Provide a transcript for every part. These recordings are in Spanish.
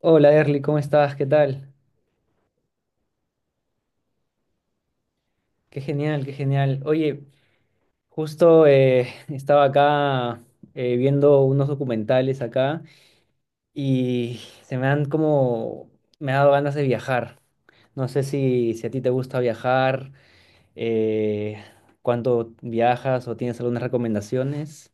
Hola Erly, ¿cómo estás? ¿Qué tal? Qué genial, qué genial. Oye, justo estaba acá viendo unos documentales acá y se me han como, me ha dado ganas de viajar. No sé si a ti te gusta viajar, eh, cuánto viajas o tienes algunas recomendaciones.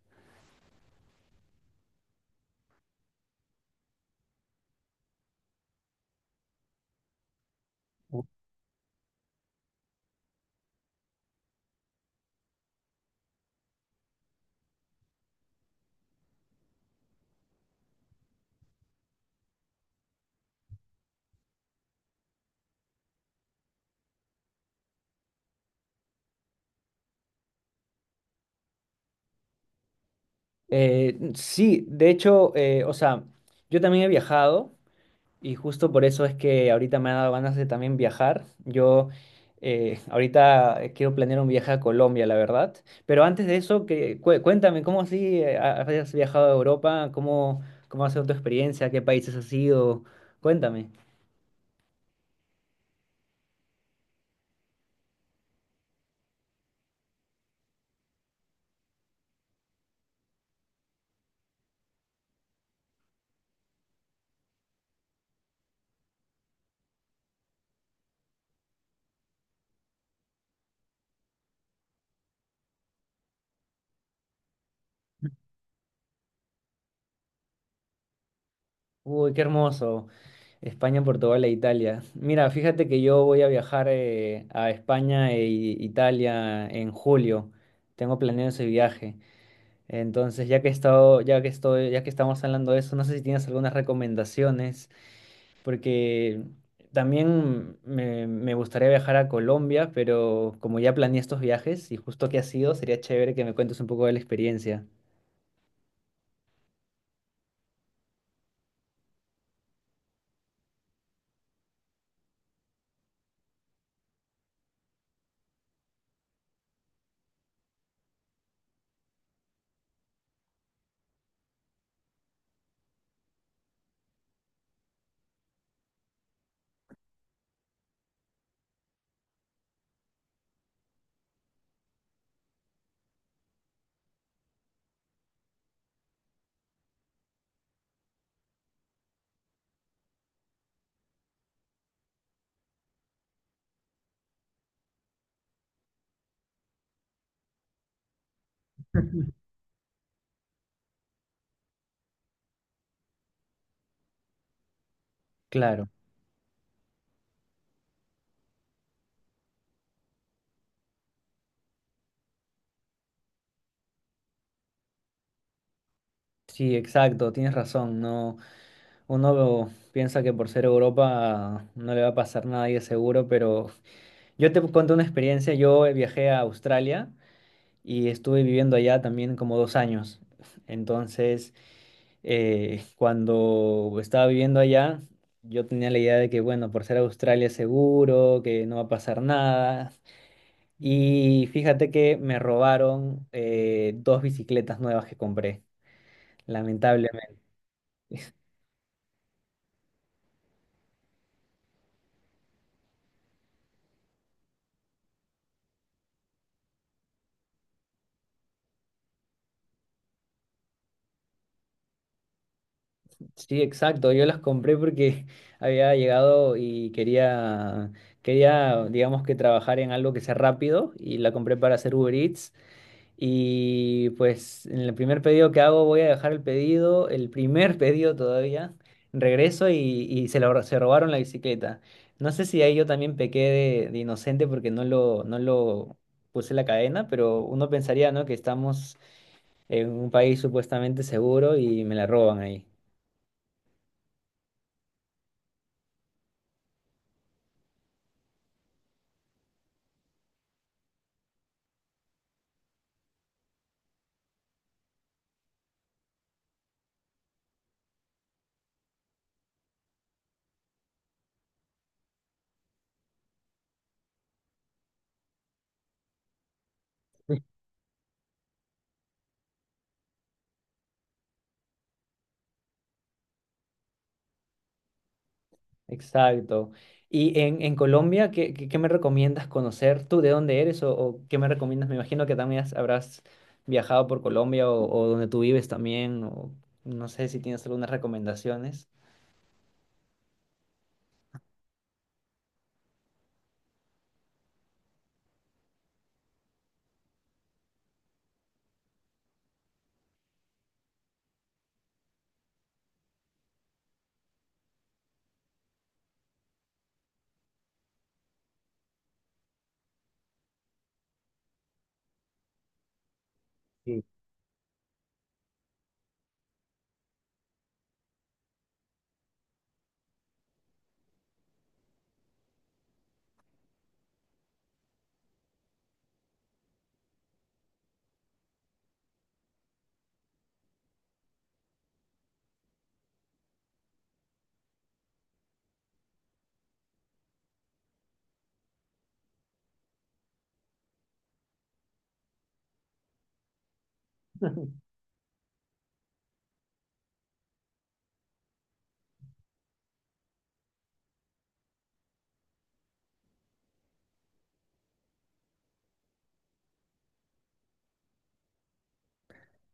Sí, de hecho, o sea, yo también he viajado. Y justo por eso es que ahorita me ha dado ganas de también viajar. Yo Ahorita quiero planear un viaje a Colombia, la verdad. Pero antes de eso, cuéntame, ¿cómo así has viajado a Europa? ¿Cómo ha sido tu experiencia? ¿Qué países has ido? Cuéntame. Uy, qué hermoso. España, Portugal e Italia. Mira, fíjate que yo voy a viajar a España e Italia en julio. Tengo planeado ese viaje. Entonces, ya que ya que estamos hablando de eso, no sé si tienes algunas recomendaciones, porque también me gustaría viajar a Colombia, pero como ya planeé estos viajes y justo que ha sido, sería chévere que me cuentes un poco de la experiencia. Claro, sí, exacto, tienes razón. No, uno piensa que por ser Europa no le va a pasar nada y es seguro, pero yo te conté una experiencia. Yo viajé a Australia y estuve viviendo allá también como dos años. Entonces, cuando estaba viviendo allá, yo tenía la idea de que, bueno, por ser Australia es seguro, que no va a pasar nada. Y fíjate que me robaron dos bicicletas nuevas que compré, lamentablemente. Sí, exacto, yo las compré porque había llegado y digamos que trabajar en algo que sea rápido y la compré para hacer Uber Eats. Y pues en el primer pedido que hago voy a dejar el pedido, el primer pedido todavía, regreso y se robaron la bicicleta. No sé si ahí yo también pequé de inocente porque no lo puse la cadena, pero uno pensaría, ¿no?, que estamos en un país supuestamente seguro y me la roban ahí. Exacto. Y en Colombia, ¿qué me recomiendas conocer? ¿Tú de dónde eres o qué me recomiendas? Me imagino que también habrás viajado por Colombia o donde tú vives también, o no sé si tienes algunas recomendaciones. Sí.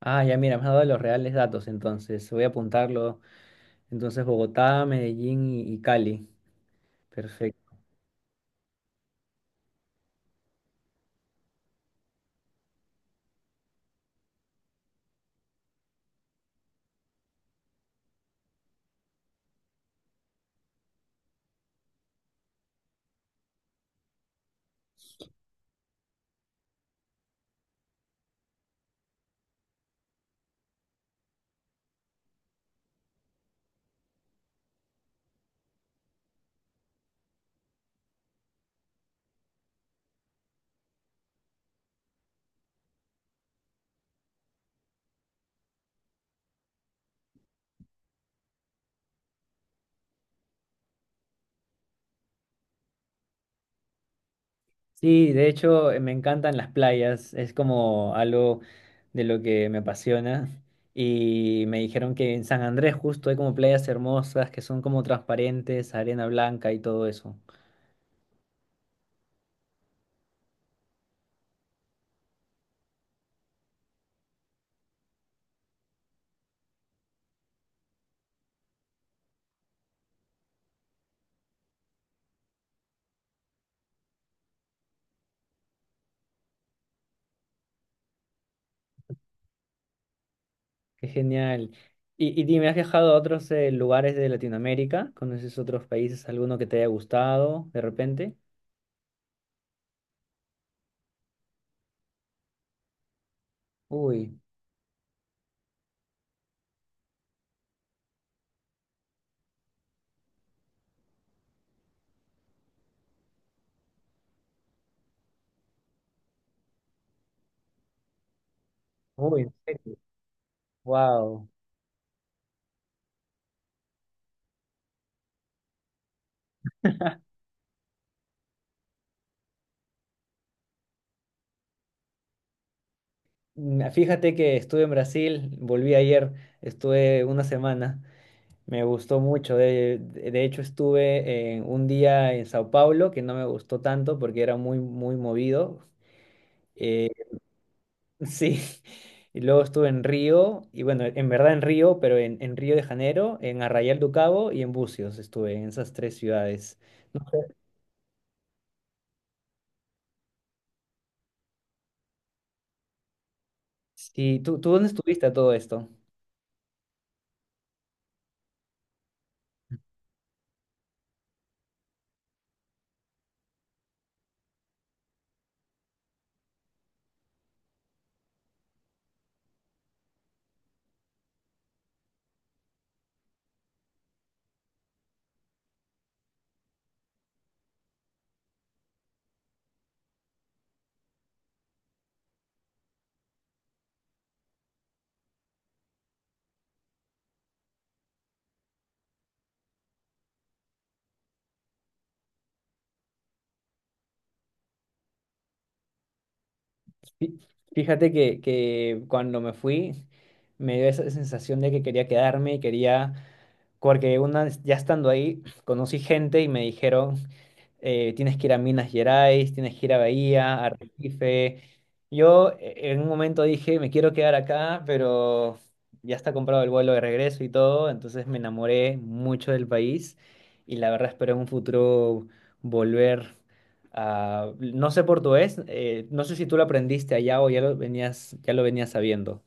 Ah, ya mira, me has dado los reales datos, entonces voy a apuntarlo. Entonces, Bogotá, Medellín y Cali. Sí, de hecho me encantan las playas, es como algo de lo que me apasiona y me dijeron que en San Andrés justo hay como playas hermosas que son como transparentes, arena blanca y todo eso. Qué genial. Y dime, ¿has viajado a otros lugares de Latinoamérica? ¿Conoces otros países? ¿Alguno que te haya gustado de repente? Uy, uy, ¿en serio? Wow. Fíjate que estuve en Brasil, volví ayer, estuve una semana. Me gustó mucho. De hecho, estuve en un día en Sao Paulo que no me gustó tanto porque era muy, muy movido. Eh, sí. Y luego estuve en Río, y bueno, en verdad en Río, pero en Río de Janeiro, en Arraial do Cabo y en Búzios estuve, en esas tres ciudades. No, sí, ¿tú dónde estuviste a todo esto? Fí- Fíjate que cuando me fui me dio esa sensación de que quería quedarme y quería, porque una vez ya estando ahí, conocí gente y me dijeron tienes que ir a Minas Gerais, tienes que ir a Bahía, a Recife. Yo en un momento dije, me quiero quedar acá, pero ya está comprado el vuelo de regreso y todo, entonces me enamoré mucho del país y la verdad espero en un futuro volver a... No sé portugués, no sé si tú lo aprendiste allá o ya lo venías sabiendo.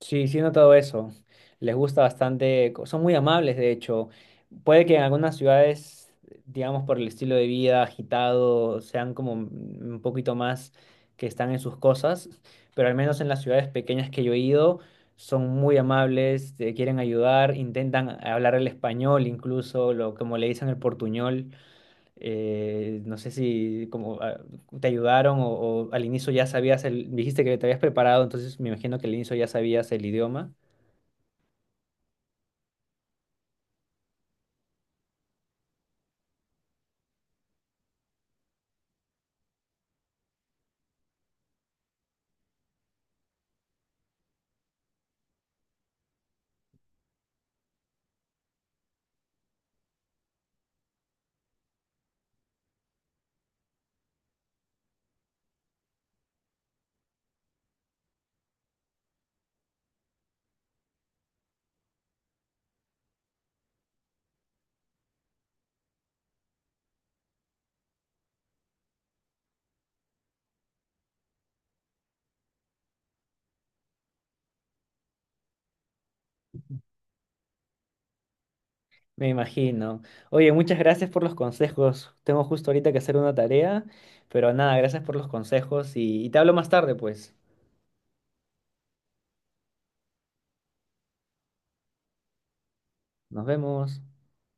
Sí, sí he notado eso. Les gusta bastante, son muy amables, de hecho. Puede que en algunas ciudades, digamos, por el estilo de vida agitado, sean como un poquito más que están en sus cosas, pero al menos en las ciudades pequeñas que yo he ido, son muy amables, te quieren ayudar, intentan hablar el español incluso, como le dicen, el portuñol. No sé si como te ayudaron o al inicio ya sabías el, dijiste que te habías preparado, entonces me imagino que al inicio ya sabías el idioma. Me imagino. Oye, muchas gracias por los consejos. Tengo justo ahorita que hacer una tarea, pero nada, gracias por los consejos y te hablo más tarde, pues. Nos vemos.